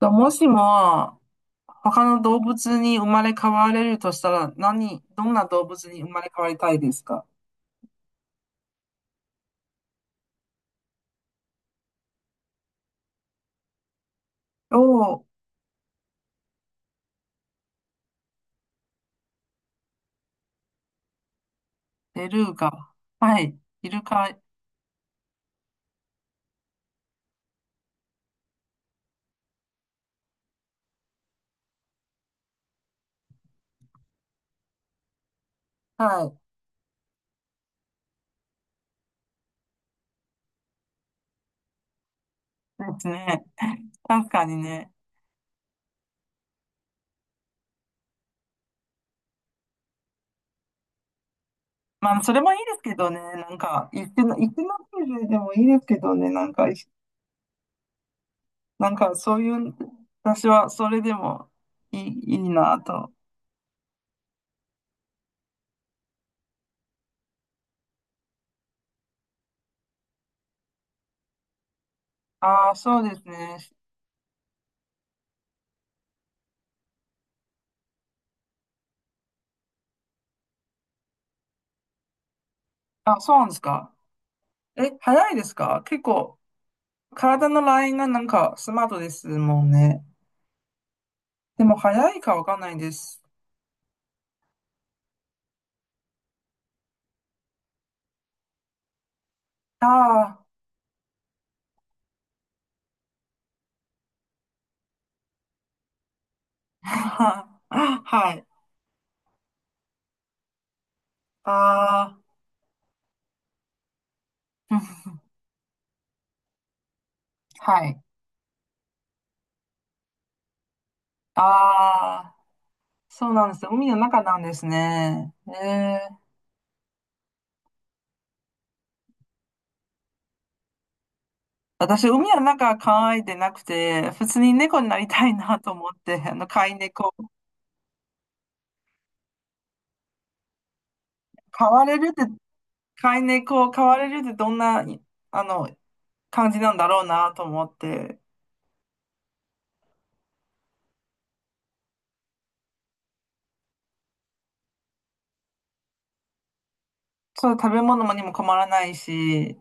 ともしも、他の動物に生まれ変われるとしたら、どんな動物に生まれ変わりたいですか？おー、ベルーガ。はい。イルカ。はい。ですね。確かにね。まあ、それもいいですけどね。なんか、生きの種類でもいいですけどね。なんか、そういう、私はそれでもいいいなと。ああ、そうですね。あ、そうなんですか。え、早いですか結構。体のラインがなんかスマートですもんね。でも早いかわかんないです。ああ、はい。ああ、うんはい。ああ、そうなんです海の中なんですね。ええ。私、海の中考えてなくて、普通に猫になりたいなと思って、飼い猫。飼われるって、飼い猫、飼われるってどんな、あの、感じなんだろうなと思って。そう、食べ物もにも困らないし、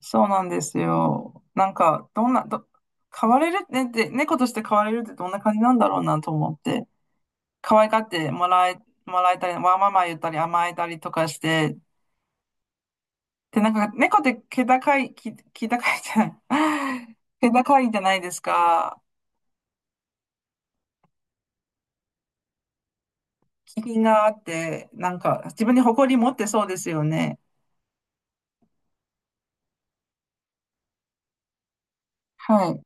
そうなんですよ。なんか、どんな、ど、飼われるねって、猫として飼われるってどんな感じなんだろうなと思って、可愛がってもらえ、もらえたり、わーまま言ったり甘えたりとかして、で、なんか、猫って気高いじゃない、気高いじゃないですか。気品があって、なんか、自分に誇り持ってそうですよね。はい。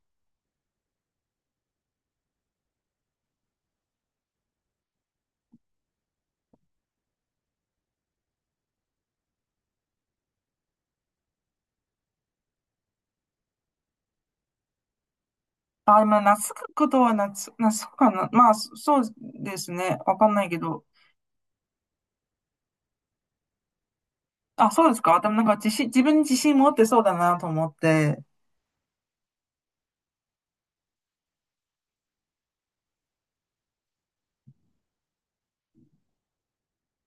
あ、まあ、懐くことは懐、懐くかな。まあ、そうですね。わかんないけど。あ、そうですか。でもなんか自分に自信持ってそうだなと思って。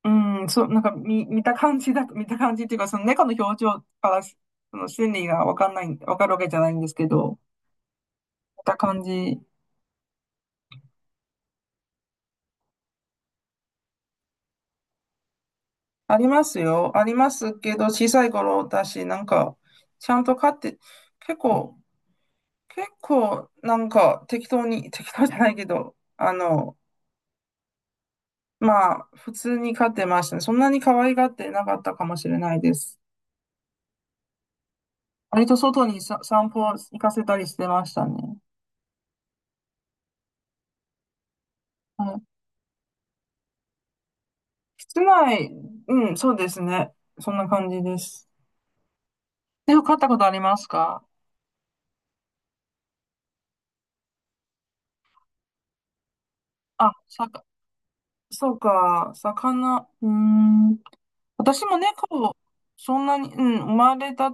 うん、そう、見た感じだと、見た感じっていうか、その猫の表情からし、その心理がわかんない、わかるわけじゃないんですけど、見た感じ。ありますよ。ありますけど、小さい頃だし、なんか、ちゃんと飼って、結構、結構、なんか、適当じゃないけど、まあ、普通に飼ってましたね。そんなに可愛がってなかったかもしれないです。割と外にさ、散歩行かせたりしてましたね。はい。室内、うん、そうですね。そんな感じです。で、飼ったことありますか？あ、さか、そうか、魚、うーん。私も猫、そんなに、うん、生まれた、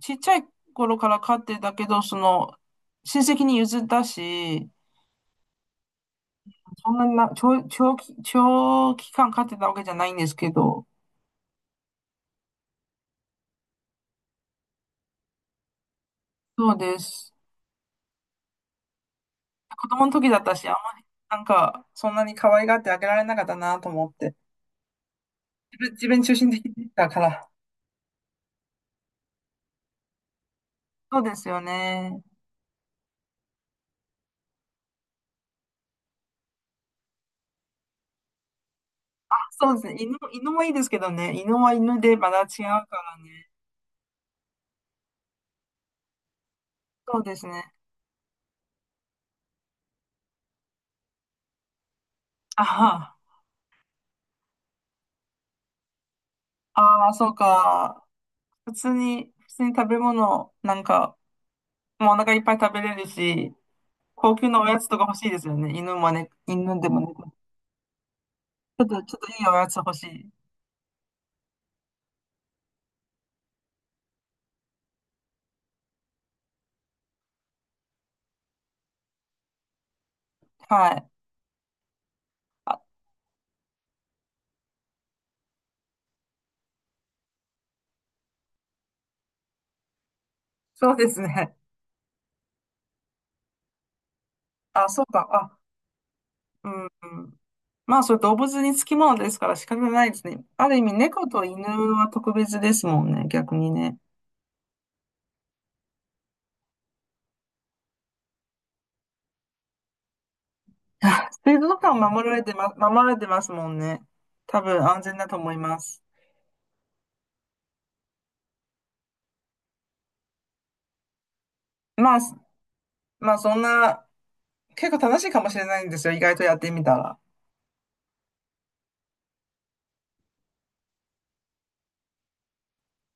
ちっちゃい頃から飼ってたけど、その、親戚に譲ったし、そんなにな、長、長期、長期間飼ってたわけじゃないんですけど、そうです。子供の時だったし、あんまりなんか、そんなに可愛がってあげられなかったなと思って。自分中心的だから。そうですよね。そうですね。犬もいいですけどね。犬は犬でまだ違うからね。そうですね。あは。ああ、そうか。普通に食べ物、なんか、もうお腹いっぱい食べれるし、高級なおやつとか欲しいですよね。犬もね、犬でもね。ちょっといいおやつ欲しい。はい。あ、そうですね。あ、そうか。うん。まあ、それ動物につきものですから仕方ないですね。ある意味、猫と犬は特別ですもんね、逆にね。水族館を守られてま、守られてますもんね。多分安全だと思います。まあ、すまあ、そんな、結構楽しいかもしれないんですよ、意外とやってみたら。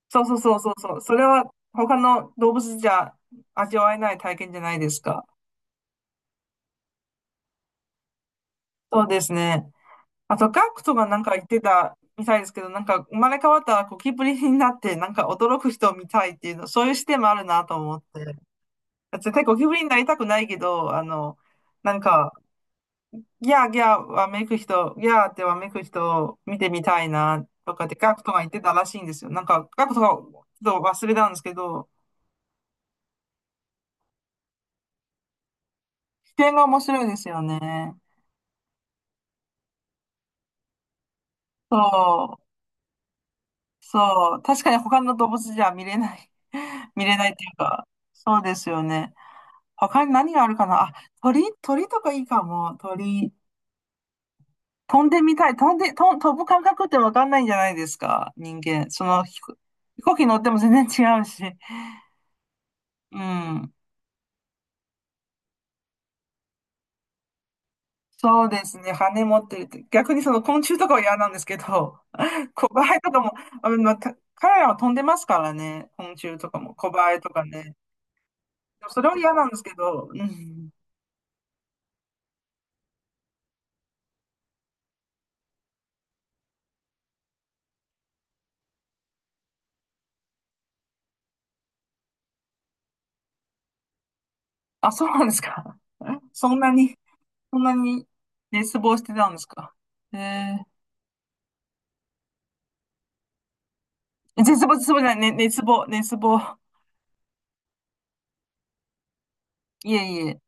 そうそうそうそうそう。それは他の動物じゃ味わえない体験じゃないですか。そうですね。あと、ガクトがなんか言ってたみたいですけど、なんか生まれ変わったらゴキブリになって、なんか驚く人を見たいっていうの、そういう視点もあるなと思って。絶対ゴキブリになりたくないけど、なんか、ギャーってわめく人を見てみたいなとかってガクトが言ってたらしいんですよ。なんか、ガクトがちょっと忘れたんですけど、視点が面白いですよね。そう、そう。確かに他の動物じゃ見れない。見れないっていうか、そうですよね。他に何があるかなあ、鳥とかいいかも。鳥、飛んでみたい。飛んで、と飛ぶ感覚ってわかんないんじゃないですか、人間。飛行機乗っても全然違うし。うん。そうですね。羽持ってるって。逆にその昆虫とかは嫌なんですけど、コバエとかも、あの、また彼らは飛んでますからね。昆虫とかも、コバエとかね。それは嫌なんですけど、うん。あ、そうなんですか。そんなに、そんなに熱望してたんですか？えー絶望じゃない、ね、熱望。いえいえ。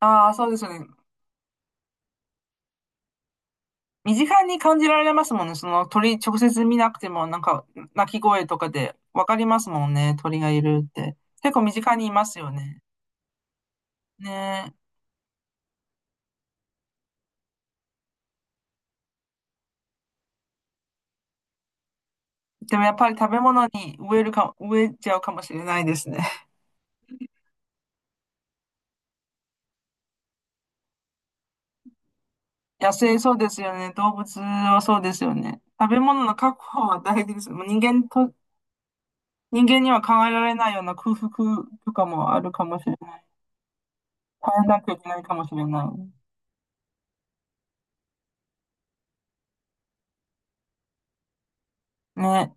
ああ、そうですよね。身近に感じられますもんね。その鳥、直接見なくても、なんか、鳴き声とかでわかりますもんね。鳥がいるって。結構身近にいますよね。ねえ。でもやっぱり食べ物に植えちゃうかもしれないですね。野生そうですよね。動物はそうですよね。食べ物の確保は大事です。もう人間には考えられないような空腹とかもあるかもしれない。耐えなきゃいけないかもしれない。ね、